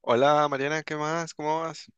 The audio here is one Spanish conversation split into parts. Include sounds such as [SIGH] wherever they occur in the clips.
Hola Mariana, ¿qué más? ¿Cómo vas?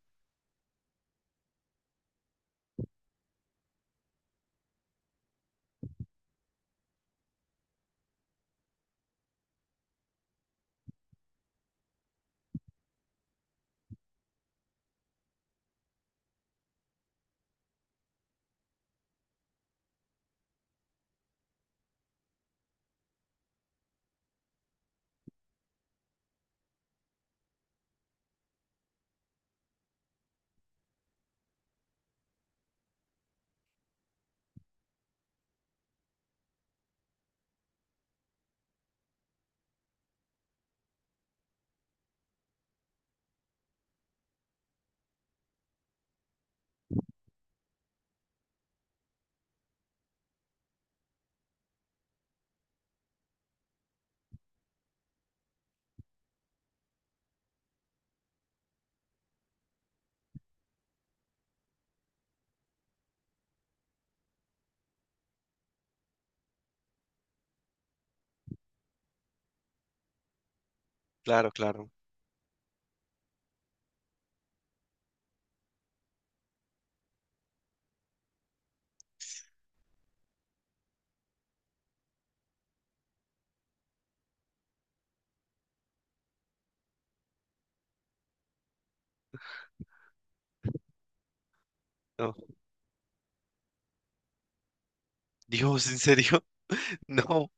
Claro, claro. No. Dios, ¿en serio? [LAUGHS] No,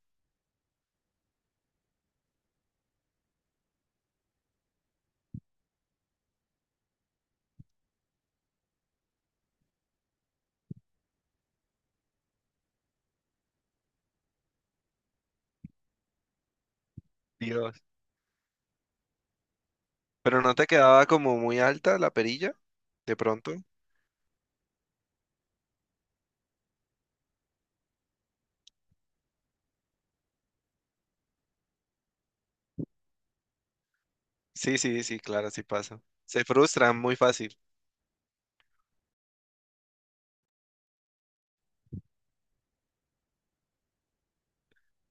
Dios. ¿Pero no te quedaba como muy alta la perilla de pronto? Sí, sí, sí, claro, sí pasa. Se frustran muy fácil.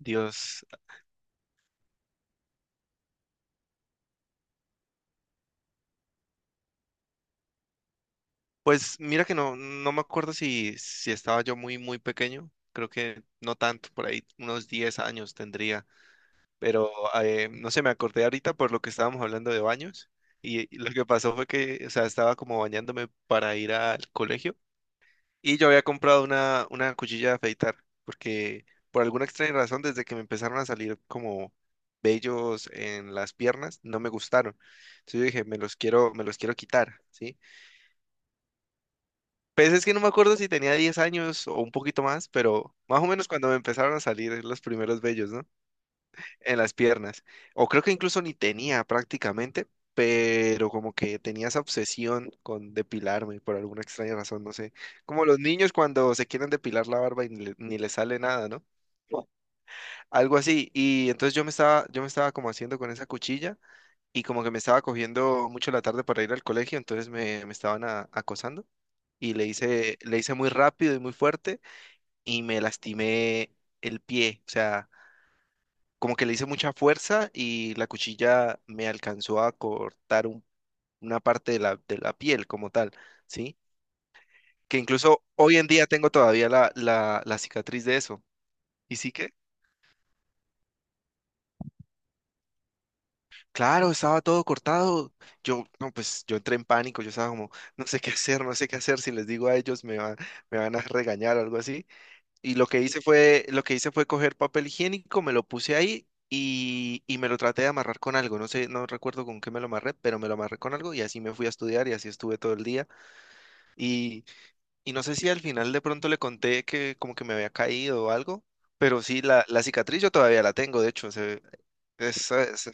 Dios. Pues mira que no, no me acuerdo si, si estaba yo muy, muy pequeño. Creo que no tanto, por ahí unos 10 años tendría. Pero no sé, me acordé ahorita por lo que estábamos hablando de baños. Y lo que pasó fue que, o sea, estaba como bañándome para ir al colegio. Y yo había comprado una cuchilla de afeitar, porque por alguna extraña razón, desde que me empezaron a salir como vellos en las piernas, no me gustaron. Entonces yo dije, me los quiero quitar, ¿sí? Pues es que no me acuerdo si tenía 10 años o un poquito más, pero más o menos cuando me empezaron a salir los primeros vellos, ¿no? En las piernas. O creo que incluso ni tenía prácticamente, pero como que tenía esa obsesión con depilarme por alguna extraña razón, no sé. Como los niños cuando se quieren depilar la barba y ni les sale nada, ¿no? Algo así. Y entonces yo me estaba como haciendo con esa cuchilla y como que me estaba cogiendo mucho la tarde para ir al colegio, entonces me estaban acosando y le hice muy rápido y muy fuerte y me lastimé el pie, o sea, como que le hice mucha fuerza y la cuchilla me alcanzó a cortar una parte de de la piel como tal, ¿sí? Que incluso hoy en día tengo todavía la cicatriz de eso. Y sí que, claro, estaba todo cortado. Yo, no, pues yo entré en pánico, yo estaba como, no sé qué hacer, no sé qué hacer, si les digo a ellos me van a regañar o algo así. Y lo que hice fue coger papel higiénico, me lo puse ahí y me lo traté de amarrar con algo. No sé, no recuerdo con qué me lo amarré, pero me lo amarré con algo y así me fui a estudiar y así estuve todo el día. Y, y no sé si al final de pronto le conté que como que me había caído o algo, pero sí, la cicatriz yo todavía la tengo, de hecho. Es- es-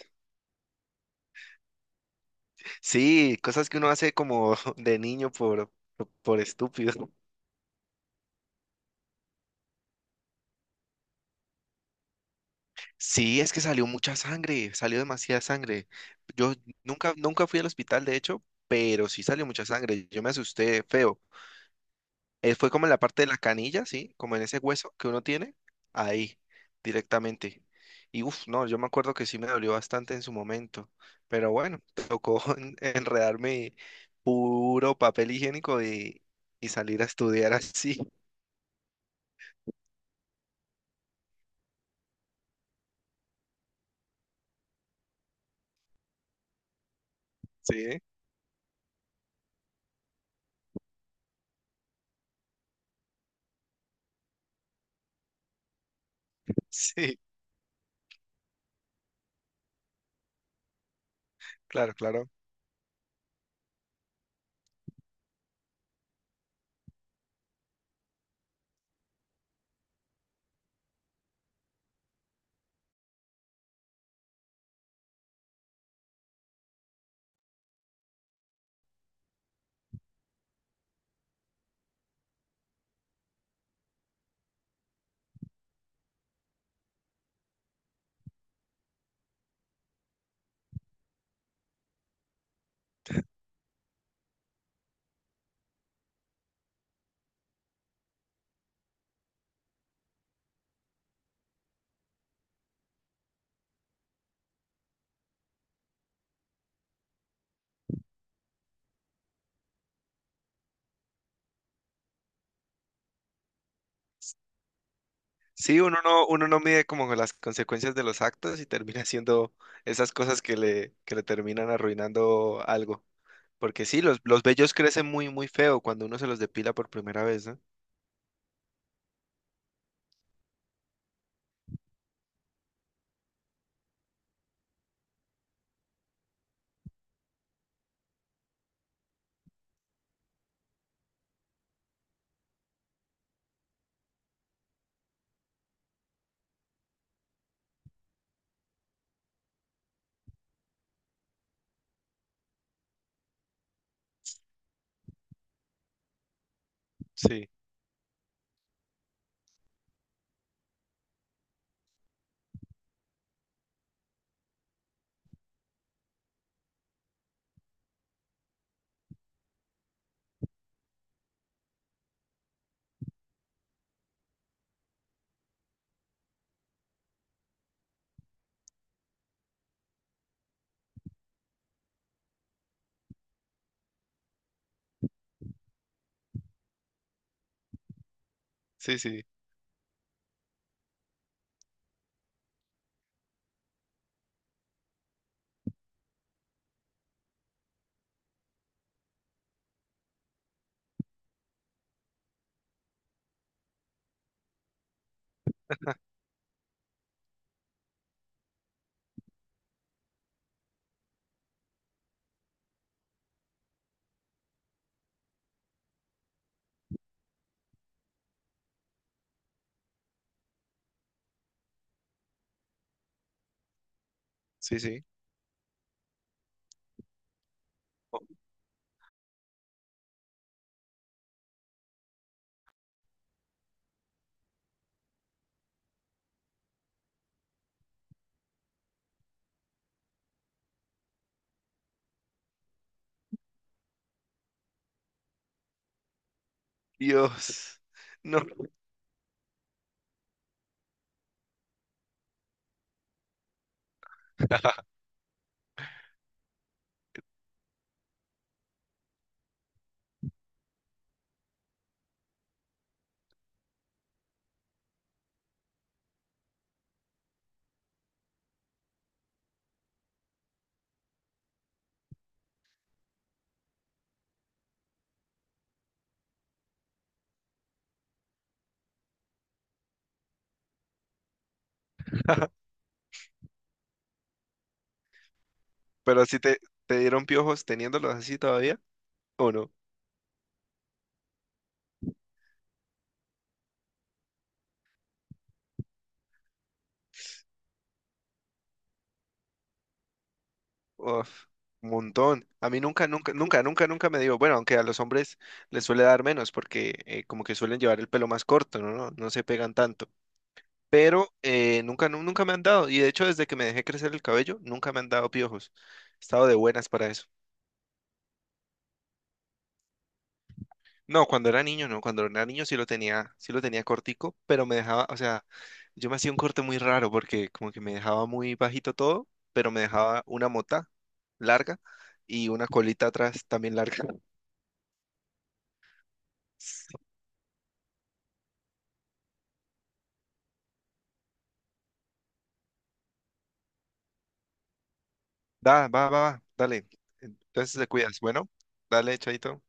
sí, cosas que uno hace como [LAUGHS] de niño por estúpido. Sí, es que salió mucha sangre, salió demasiada sangre. Yo nunca, nunca fui al hospital, de hecho, pero sí salió mucha sangre. Yo me asusté feo. Fue como en la parte de la canilla, ¿sí? Como en ese hueso que uno tiene, ahí, directamente. Y uff, no, yo me acuerdo que sí me dolió bastante en su momento. Pero bueno, tocó [LAUGHS] enredarme puro papel higiénico y salir a estudiar así. [LAUGHS] Sí, sí, claro, claro. Sí, uno no mide como las consecuencias de los actos y termina haciendo esas cosas que le terminan arruinando algo. Porque sí, los vellos crecen muy, muy feo cuando uno se los depila por primera vez, ¿no? Sí, sí, sí, sí, sí. Oh, Dios. [LAUGHS] No, pero si te, te dieron piojos teniéndolos así todavía, ¿o no? Uf, un montón. A mí nunca, nunca, nunca, nunca, nunca me dio. Bueno, aunque a los hombres les suele dar menos porque como que suelen llevar el pelo más corto, ¿no? No, no se pegan tanto. Pero nunca me han dado. Y de hecho, desde que me dejé crecer el cabello, nunca me han dado piojos. He estado de buenas para eso. No, cuando era niño, no, cuando era niño sí lo tenía cortico, pero me dejaba, o sea, yo me hacía un corte muy raro porque como que me dejaba muy bajito todo, pero me dejaba una mota larga y una colita atrás también larga. [LAUGHS] Va, va, va, va, dale. Entonces te cuidas. Bueno, dale, chaito.